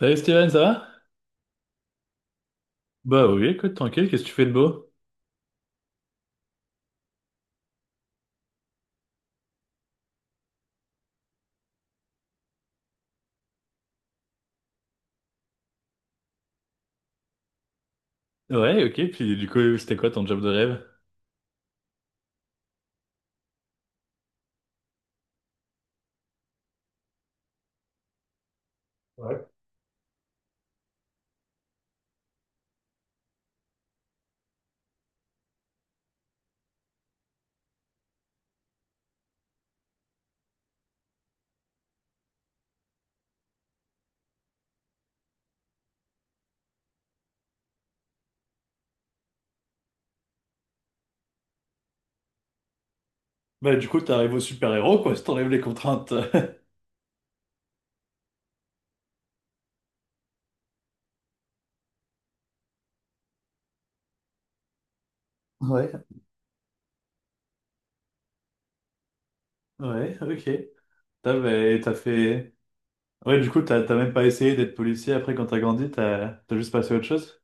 Salut Steven, ça va? Bah oui, écoute, tranquille, qu'est-ce que tu fais de beau? Ouais, ok, puis du coup, c'était quoi ton job de rêve? Ouais. Bah du coup, t'arrives au super-héros, quoi, si t'enlèves les contraintes. Ouais. Ouais, ok. T'as, bah, t'as fait. Ouais, du coup, t'as même pas essayé d'être policier après quand t'as grandi, t'as juste passé à autre chose?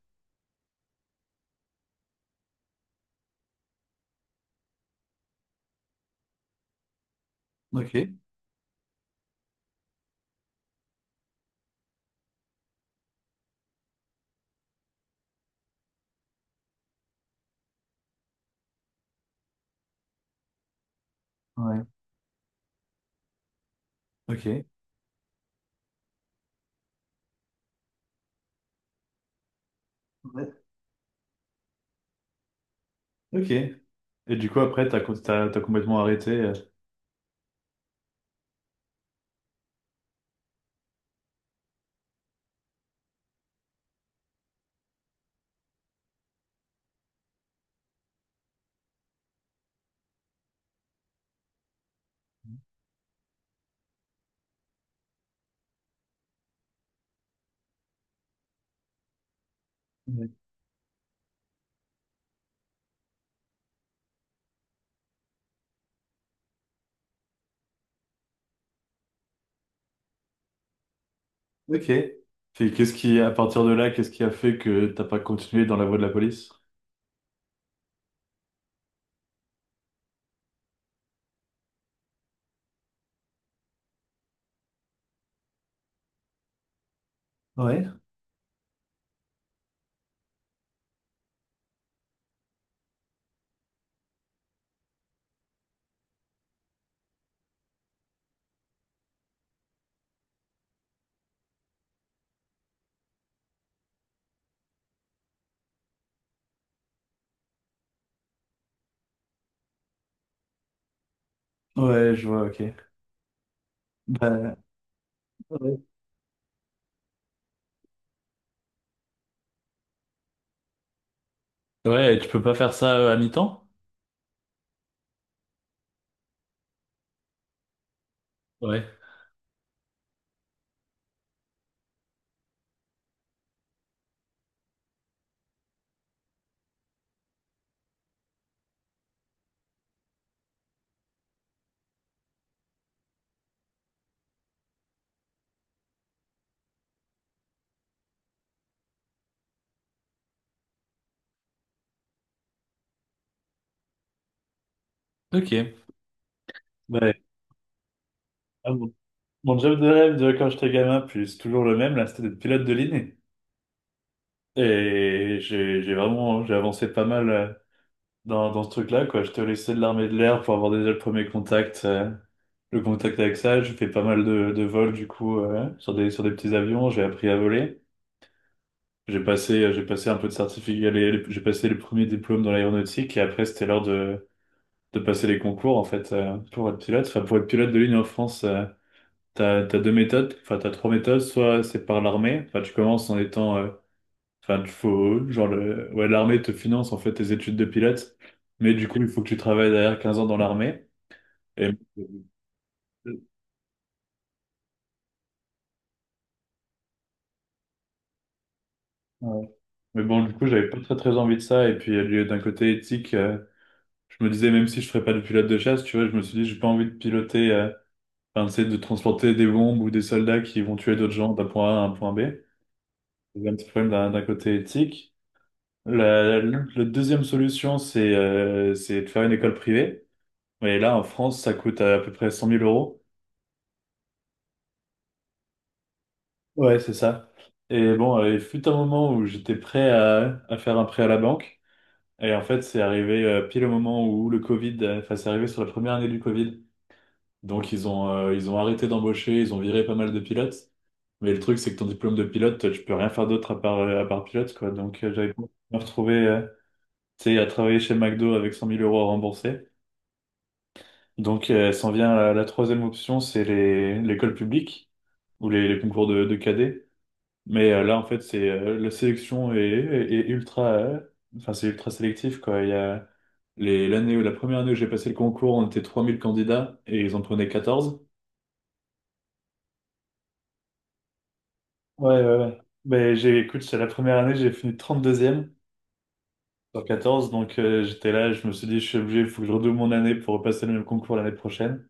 Ok. Ouais. Ok. Ouais. Ok. Et du coup, après, t'as complètement arrêté. Ouais. Ok. Puis qu'est-ce qui, à partir de là, qu'est-ce qui a fait que t'as pas continué dans la voie de la police? Ouais. Ouais, je vois, ok. Bah, ouais. Ouais, tu peux pas faire ça à mi-temps? Ouais. Ok. Bah, ah bon. Mon job de rêve de quand j'étais gamin, puis c'est toujours le même, là, c'était d'être pilote de ligne. Et j'ai vraiment, j'ai avancé pas mal dans, dans ce truc-là, quoi. J'étais au lycée de l'armée de l'air pour avoir déjà le premier contact, le contact avec ça. J'ai fait pas mal de vols, du coup, sur des petits avions. J'ai appris à voler. J'ai passé un peu de certificat, j'ai passé les premiers diplômes dans l'aéronautique. Et après, c'était l'heure de passer les concours en fait pour être pilote. Enfin, pour être pilote de ligne en France, t'as, t'as deux méthodes, enfin t'as trois méthodes. Soit c'est par l'armée, enfin tu commences en étant, enfin tu faut genre le, ouais l'armée te finance en fait tes études de pilote, mais du coup il faut que tu travailles derrière 15 ans dans l'armée. Et ouais. Mais bon, du coup, j'avais pas très très envie de ça. Et puis, d'un côté éthique, je me disais, même si je ferais pas de pilote de chasse, tu vois, je me suis dit, j'ai pas envie de piloter, enfin, tu sais, de transporter des bombes ou des soldats qui vont tuer d'autres gens d'un point A à un point B. Il y a un petit problème d'un côté éthique. La deuxième solution, c'est de faire une école privée. Et là, en France, ça coûte à, peu près cent mille euros. Ouais, c'est ça. Et bon, il fut un moment où j'étais prêt à faire un prêt à la banque. Et en fait, c'est arrivé pile au moment où le Covid, enfin, c'est arrivé sur la première année du Covid. Donc, ils ont arrêté d'embaucher, ils ont viré pas mal de pilotes. Mais le truc, c'est que ton diplôme de pilote, tu peux rien faire d'autre à part pilote, quoi. Donc, j'avais pas me retrouver. Tu sais, il a travaillé chez McDo avec 100 000 € à rembourser. Donc, s'en vient la, la troisième option, c'est les, l'école publique ou les concours de cadets. Mais là, en fait, c'est la sélection est, ultra, enfin, c'est ultra sélectif, quoi. Il y a les, l'année, la première année où j'ai passé le concours, on était 3 000 candidats et ils en prenaient 14. Ouais, ouais, ouais. Mais j'ai, écoute, c'est la première année, j'ai fini 32e sur 14. Donc, j'étais là, je me suis dit, je suis obligé, il faut que je redouble mon année pour repasser le même concours l'année prochaine.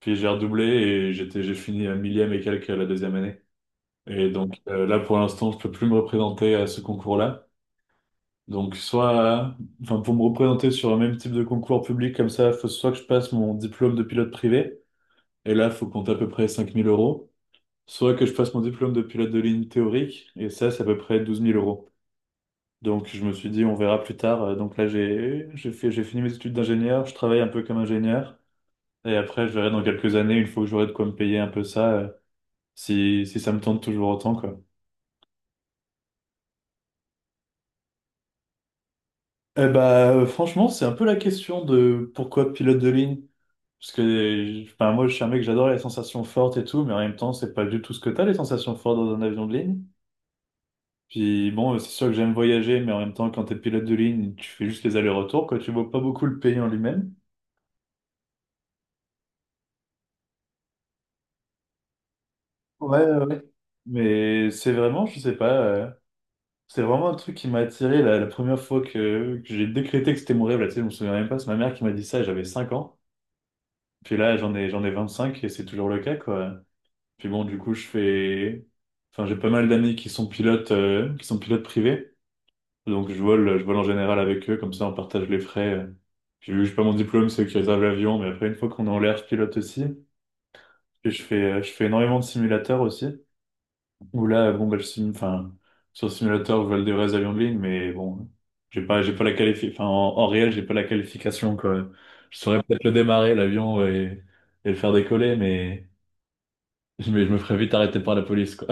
Puis j'ai redoublé et j'étais, j'ai fini à millième et quelques la deuxième année. Et donc là, pour l'instant, je peux plus me représenter à ce concours-là. Donc soit, enfin pour me représenter sur un même type de concours public comme ça, faut soit que je passe mon diplôme de pilote privé, et là, faut compter à peu près 5000 euros, soit que je passe mon diplôme de pilote de ligne théorique, et ça, c'est à peu près douze mille euros. Donc je me suis dit, on verra plus tard. Donc là, j'ai fait, j'ai fini mes études d'ingénieur, je travaille un peu comme ingénieur, et après, je verrai dans quelques années, une fois que j'aurai de quoi me payer un peu ça. Si, si ça me tente toujours autant, quoi. Eh bah, franchement, c'est un peu la question de pourquoi pilote de ligne. Parce que enfin, moi, je suis un mec, j'adore les sensations fortes et tout, mais en même temps, c'est pas du tout ce que t'as, les sensations fortes dans un avion de ligne. Puis bon, c'est sûr que j'aime voyager, mais en même temps, quand t'es pilote de ligne, tu fais juste les allers-retours, quoi. Tu vois pas beaucoup le pays en lui-même. Ouais, ouais. Ouais. Mais c'est vraiment, je sais pas, c'est vraiment un truc qui m'a attiré la, la première fois que j'ai décrété que c'était mon rêve, là, tu sais, je me souviens même pas, c'est ma mère qui m'a dit ça, j'avais 5 ans. Puis là, j'en ai 25 et c'est toujours le cas, quoi. Puis bon, du coup, je fais. Enfin, j'ai pas mal d'amis qui sont pilotes privés. Donc, je vole en général avec eux, comme ça, on partage les frais. Puis vu que j'ai pas mon diplôme, c'est eux qui réservent l'avion. Mais après, une fois qu'on est en l'air, je pilote aussi. Et je fais énormément de simulateurs aussi. Où là, bon, bah, enfin, sur simulateur, je vole des vrais avions de ligne, mais bon, j'ai pas la enfin, en, en réel, j'ai pas la qualification, quoi. Je saurais peut-être le démarrer, l'avion, et le faire décoller, mais... Mais je me ferais vite arrêter par la police, quoi.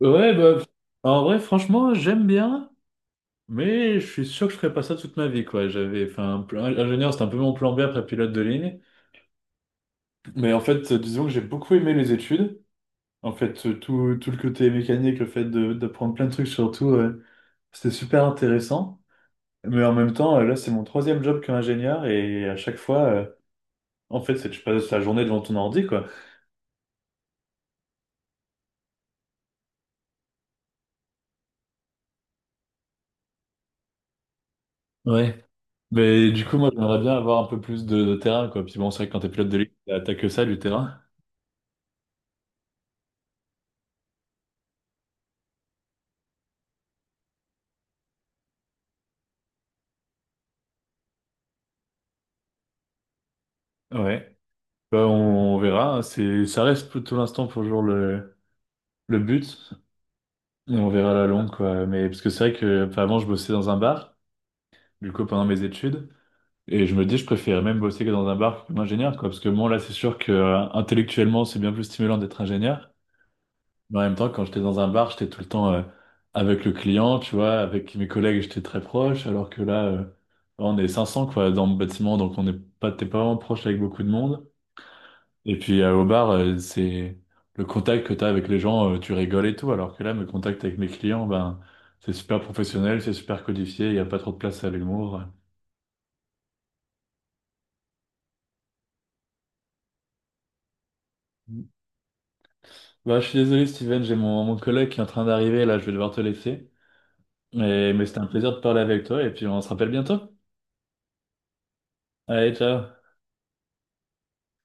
Ouais, bah, en vrai, franchement, j'aime bien, mais je suis sûr que je ferais pas ça toute ma vie, quoi. J'avais, ingénieur, c'était un peu mon plan B après pilote de ligne. Mais en fait, disons que j'ai beaucoup aimé les études. En fait, tout, tout le côté mécanique, d'apprendre plein de trucs, surtout, c'était super intéressant. Mais en même temps, là, c'est mon troisième job comme ingénieur, et à chaque fois, en fait, c'est que je passe la journée devant ton ordi, quoi. Mais du coup, moi, j'aimerais bien avoir un peu plus de terrain, quoi. Puis bon, c'est vrai que quand t'es pilote de ligne, t'as que ça, du terrain. Ouais. Bah, on verra, hein. C'est, ça reste pour tout l'instant pour le jour le but. Et on verra à la longue, quoi. Mais parce que c'est vrai que, enfin, avant, je bossais dans un bar, du coup, pendant mes études. Et je me dis, je préférais même bosser que dans un bar comme ingénieur, quoi. Parce que bon, là, c'est sûr que intellectuellement, c'est bien plus stimulant d'être ingénieur. Mais en même temps, quand j'étais dans un bar, j'étais tout le temps avec le client, tu vois, avec mes collègues, j'étais très proche, alors que là, on est 500 quoi, dans le bâtiment, donc on n'est pas, t'es pas vraiment proche avec beaucoup de monde. Et puis au bar, c'est le contact que t'as avec les gens, tu rigoles et tout, alors que là, mes contacts avec mes clients, ben, c'est super professionnel, c'est super codifié, il n'y a pas trop de place à l'humour. Bah, je suis désolé, Steven, j'ai mon, mon collègue qui est en train d'arriver, là, je vais devoir te laisser. Mais c'était un plaisir de parler avec toi, et puis on se rappelle bientôt. Allez, ciao!